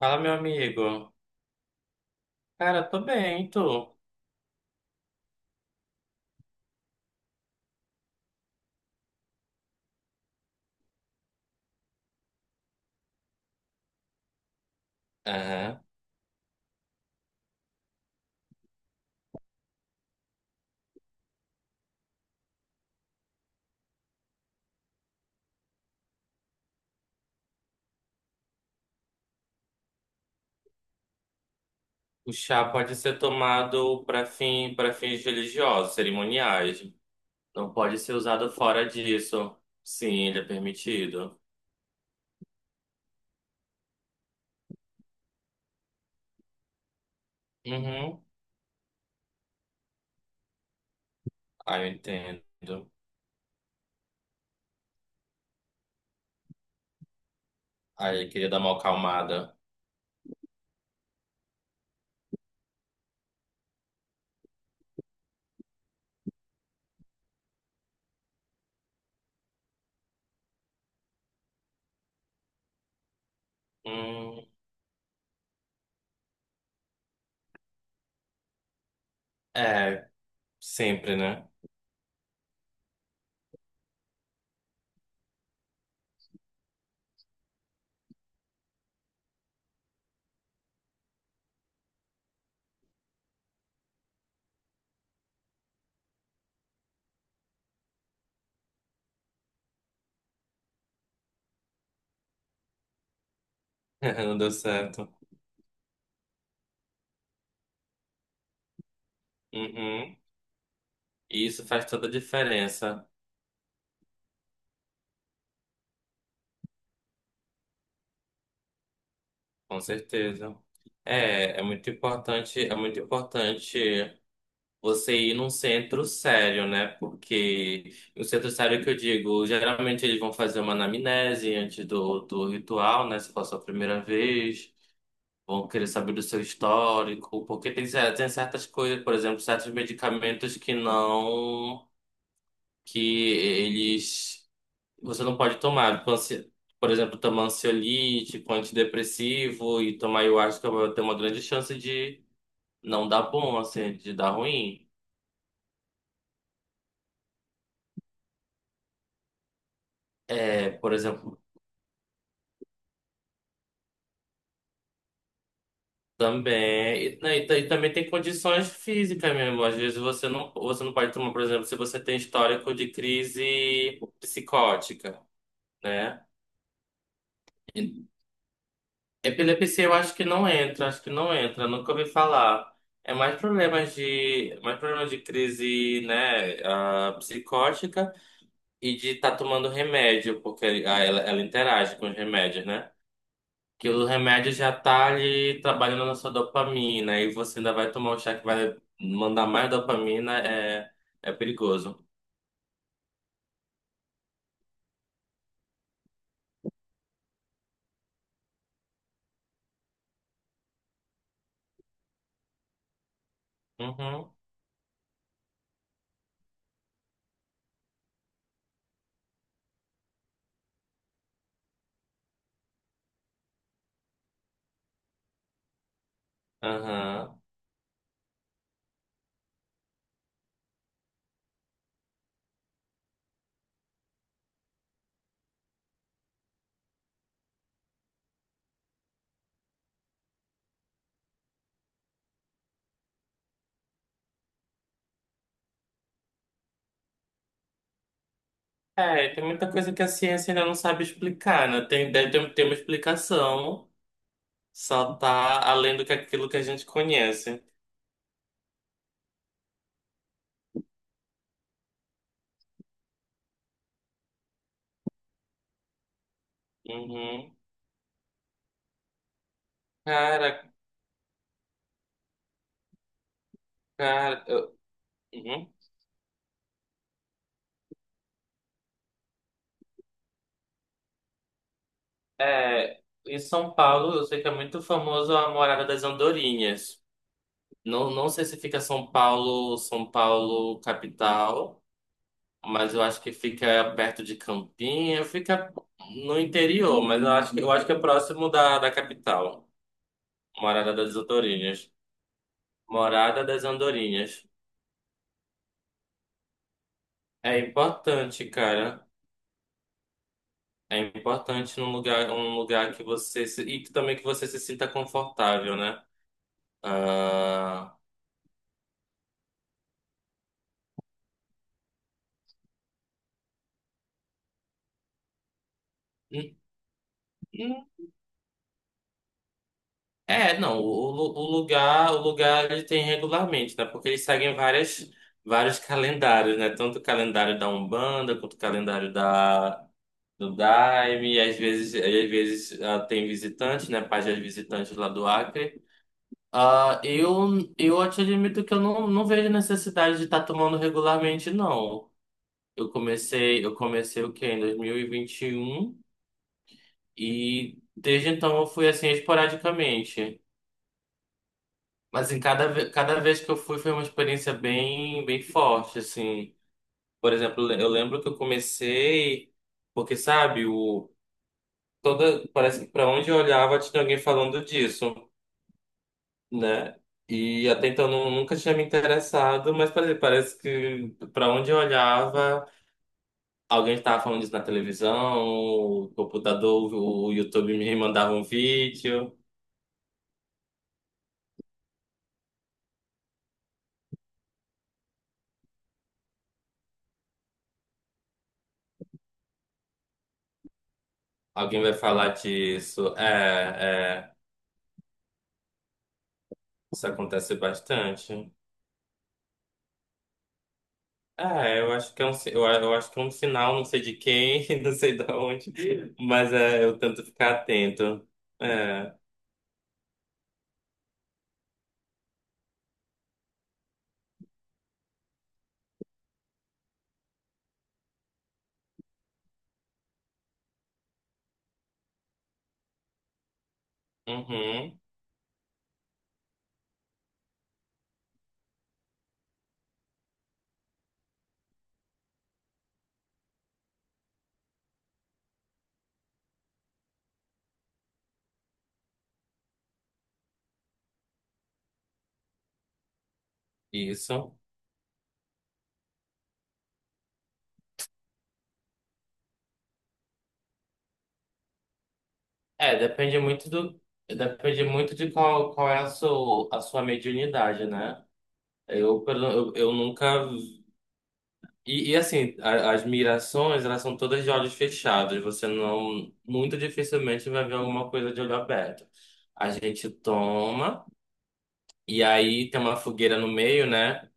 Fala, meu amigo. Cara, tô bem, e tu? Aham. O chá pode ser tomado para fins religiosos, cerimoniais. Não pode ser usado fora disso. Sim, ele é permitido. Uhum. Ah, eu entendo. Aí eu queria dar uma acalmada. Hum, é, sempre, né? Não deu certo. Uhum. E isso faz toda a diferença, com certeza. É muito importante, é muito importante você ir num centro sério, né? Porque o centro sério que eu digo, geralmente eles vão fazer uma anamnese antes do ritual, né? Se for a sua primeira vez, vão querer saber do seu histórico, porque tem certas coisas, por exemplo, certos medicamentos que não, que eles Você não pode tomar, tipo, por exemplo, tomar ansiolítico, antidepressivo e tomar ayahuasca vai ter uma grande chance de não dar bom, assim, de dar ruim. É, por exemplo, também. E, né, e também tem condições físicas mesmo. Às vezes você não pode tomar, por exemplo, se você tem histórico de crise psicótica, né? Epilepsia eu acho que não entra, acho que não entra, nunca ouvi falar. É mais mais problemas de crise, né, psicótica e de estar tomando remédio, porque ela interage com os remédios, né? Que o remédio já tá ali trabalhando na sua dopamina e você ainda vai tomar um chá que vai mandar mais dopamina, é perigoso. Uhum, aham. É, tem muita coisa que a ciência ainda não sabe explicar, né? Deve ter uma explicação. Só tá além do que aquilo que a gente conhece. Uhum. Cara, cara. Uhum. É, em São Paulo, eu sei que é muito famoso a Morada das Andorinhas. Não, não sei se fica São Paulo, São Paulo capital, mas eu acho que fica perto de Campinha, fica no interior, mas eu acho que é próximo da capital. Morada das Andorinhas. Morada das Andorinhas. É importante, cara. É importante um lugar que você se, e que também que você se sinta confortável, né? Ah, hum, hum. É, não, o lugar ele tem regularmente, né? Porque eles seguem vários calendários, né? Tanto o calendário da Umbanda quanto o calendário da do Daime, e às vezes, tem visitantes, né? Páginas visitantes lá do Acre. Ah, eu te admito que eu não vejo necessidade de estar tomando regularmente, não. Eu comecei o quê? Em 2021 e vinte e um e desde então eu fui assim esporadicamente. Mas em cada vez que eu fui foi uma experiência bem, bem forte, assim. Por exemplo, eu lembro que eu comecei porque, sabe, o toda parece que para onde eu olhava tinha alguém falando disso, né? E até então eu nunca tinha me interessado, mas parece que para onde eu olhava alguém estava falando disso na televisão, o computador, o YouTube me mandava um vídeo. Alguém vai falar disso. É, isso acontece bastante. É, eu acho que é um sinal, não sei de quem, não sei de onde, mas é, eu tento ficar atento. É, uhum, isso. É, depende muito de qual é a sua mediunidade, né? Eu nunca. E, assim, as migrações, elas são todas de olhos fechados. Você não, muito dificilmente vai ver alguma coisa de olho aberto. A gente toma, e aí tem uma fogueira no meio, né?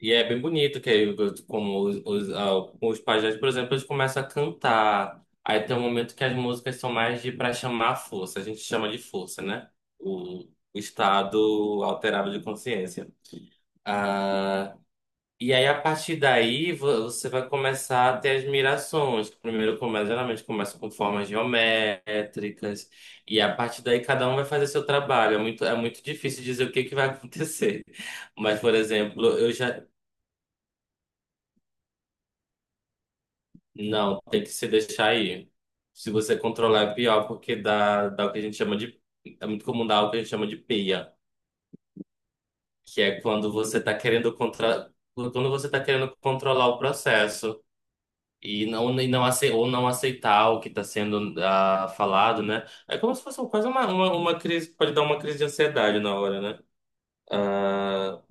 E é bem bonito, que aí, como os pajés, por exemplo, eles começam a cantar. Aí tem um momento que as músicas são mais de para chamar a força. A gente chama de força, né? O, o estado alterado de consciência. Ah, e aí, a partir daí, você vai começar a ter admirações. Primeiro começa, geralmente começa com formas geométricas, e a partir daí cada um vai fazer seu trabalho. É muito difícil dizer o que que vai acontecer. Mas, por exemplo, eu já. Não, tem que se deixar aí. Se você controlar é pior, porque dá o que a gente chama de. É muito comum dar o que a gente chama de peia, que é quando você está querendo quando você tá querendo controlar o processo. Ou não aceitar o que está sendo falado, né? É como se fosse quase uma crise, pode dar uma crise de ansiedade na hora, né? Ah,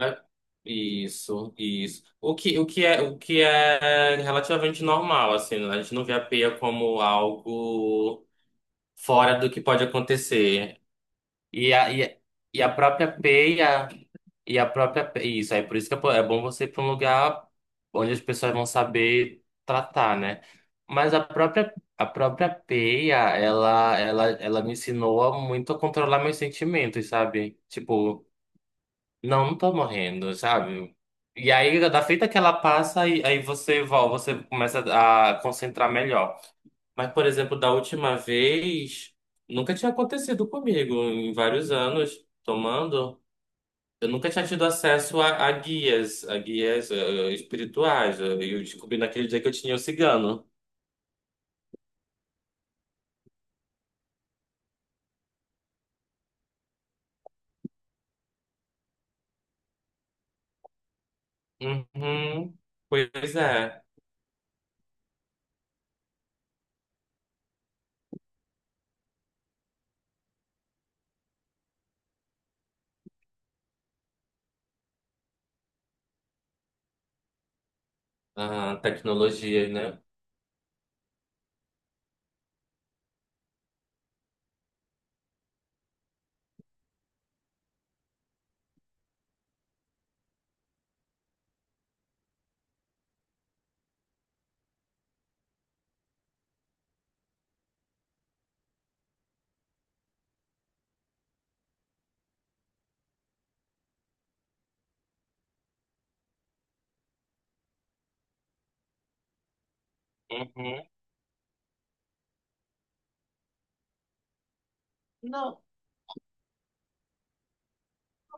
é- isso, isso. O que é relativamente normal, assim, né? A gente não vê a peia como algo fora do que pode acontecer. E a, e, a- e a própria peia. Isso, aí por isso que é bom você ir para um lugar onde as pessoas vão saber tratar, né? Mas a própria peia, ela me ensinou a muito a controlar meus sentimentos, sabe? Tipo, não tô morrendo, sabe? E aí, da feita que ela passa, aí você começa a concentrar melhor. Mas, por exemplo, da última vez, nunca tinha acontecido comigo em vários anos tomando. Eu nunca tinha tido acesso a guias espirituais. Eu descobri naquele dia que eu tinha o cigano. Uhum. Pois é. Ah, tecnologias, né? Uhum. Não.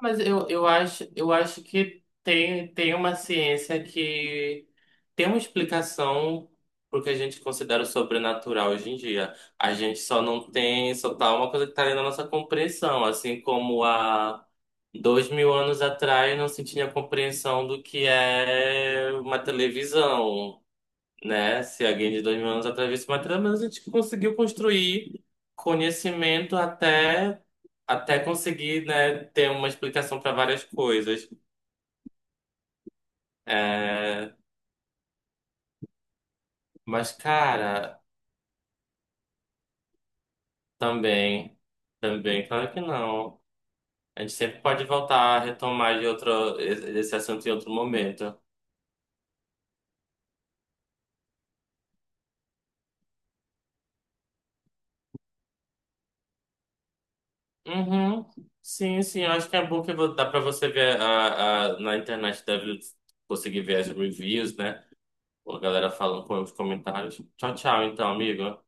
Mas eu acho que tem uma ciência que tem uma explicação pro que a gente considera o sobrenatural hoje em dia. A gente só não tem, só tá uma coisa que tá ali na nossa compreensão, assim como há 2.000 anos atrás não se tinha compreensão do que é uma televisão, né? Se alguém de 2.000 anos atrás visse uma trama, mas a gente conseguiu construir conhecimento até conseguir, né, ter uma explicação para várias coisas. É, mas, cara, também, também, claro que não. A gente sempre pode voltar a retomar esse assunto em outro momento. Uhum. Sim, sim, eu acho que é bom que dá para você ver na internet, deve conseguir ver as reviews, né? Pô, a galera falando com os comentários. Tchau, tchau, então, amigo.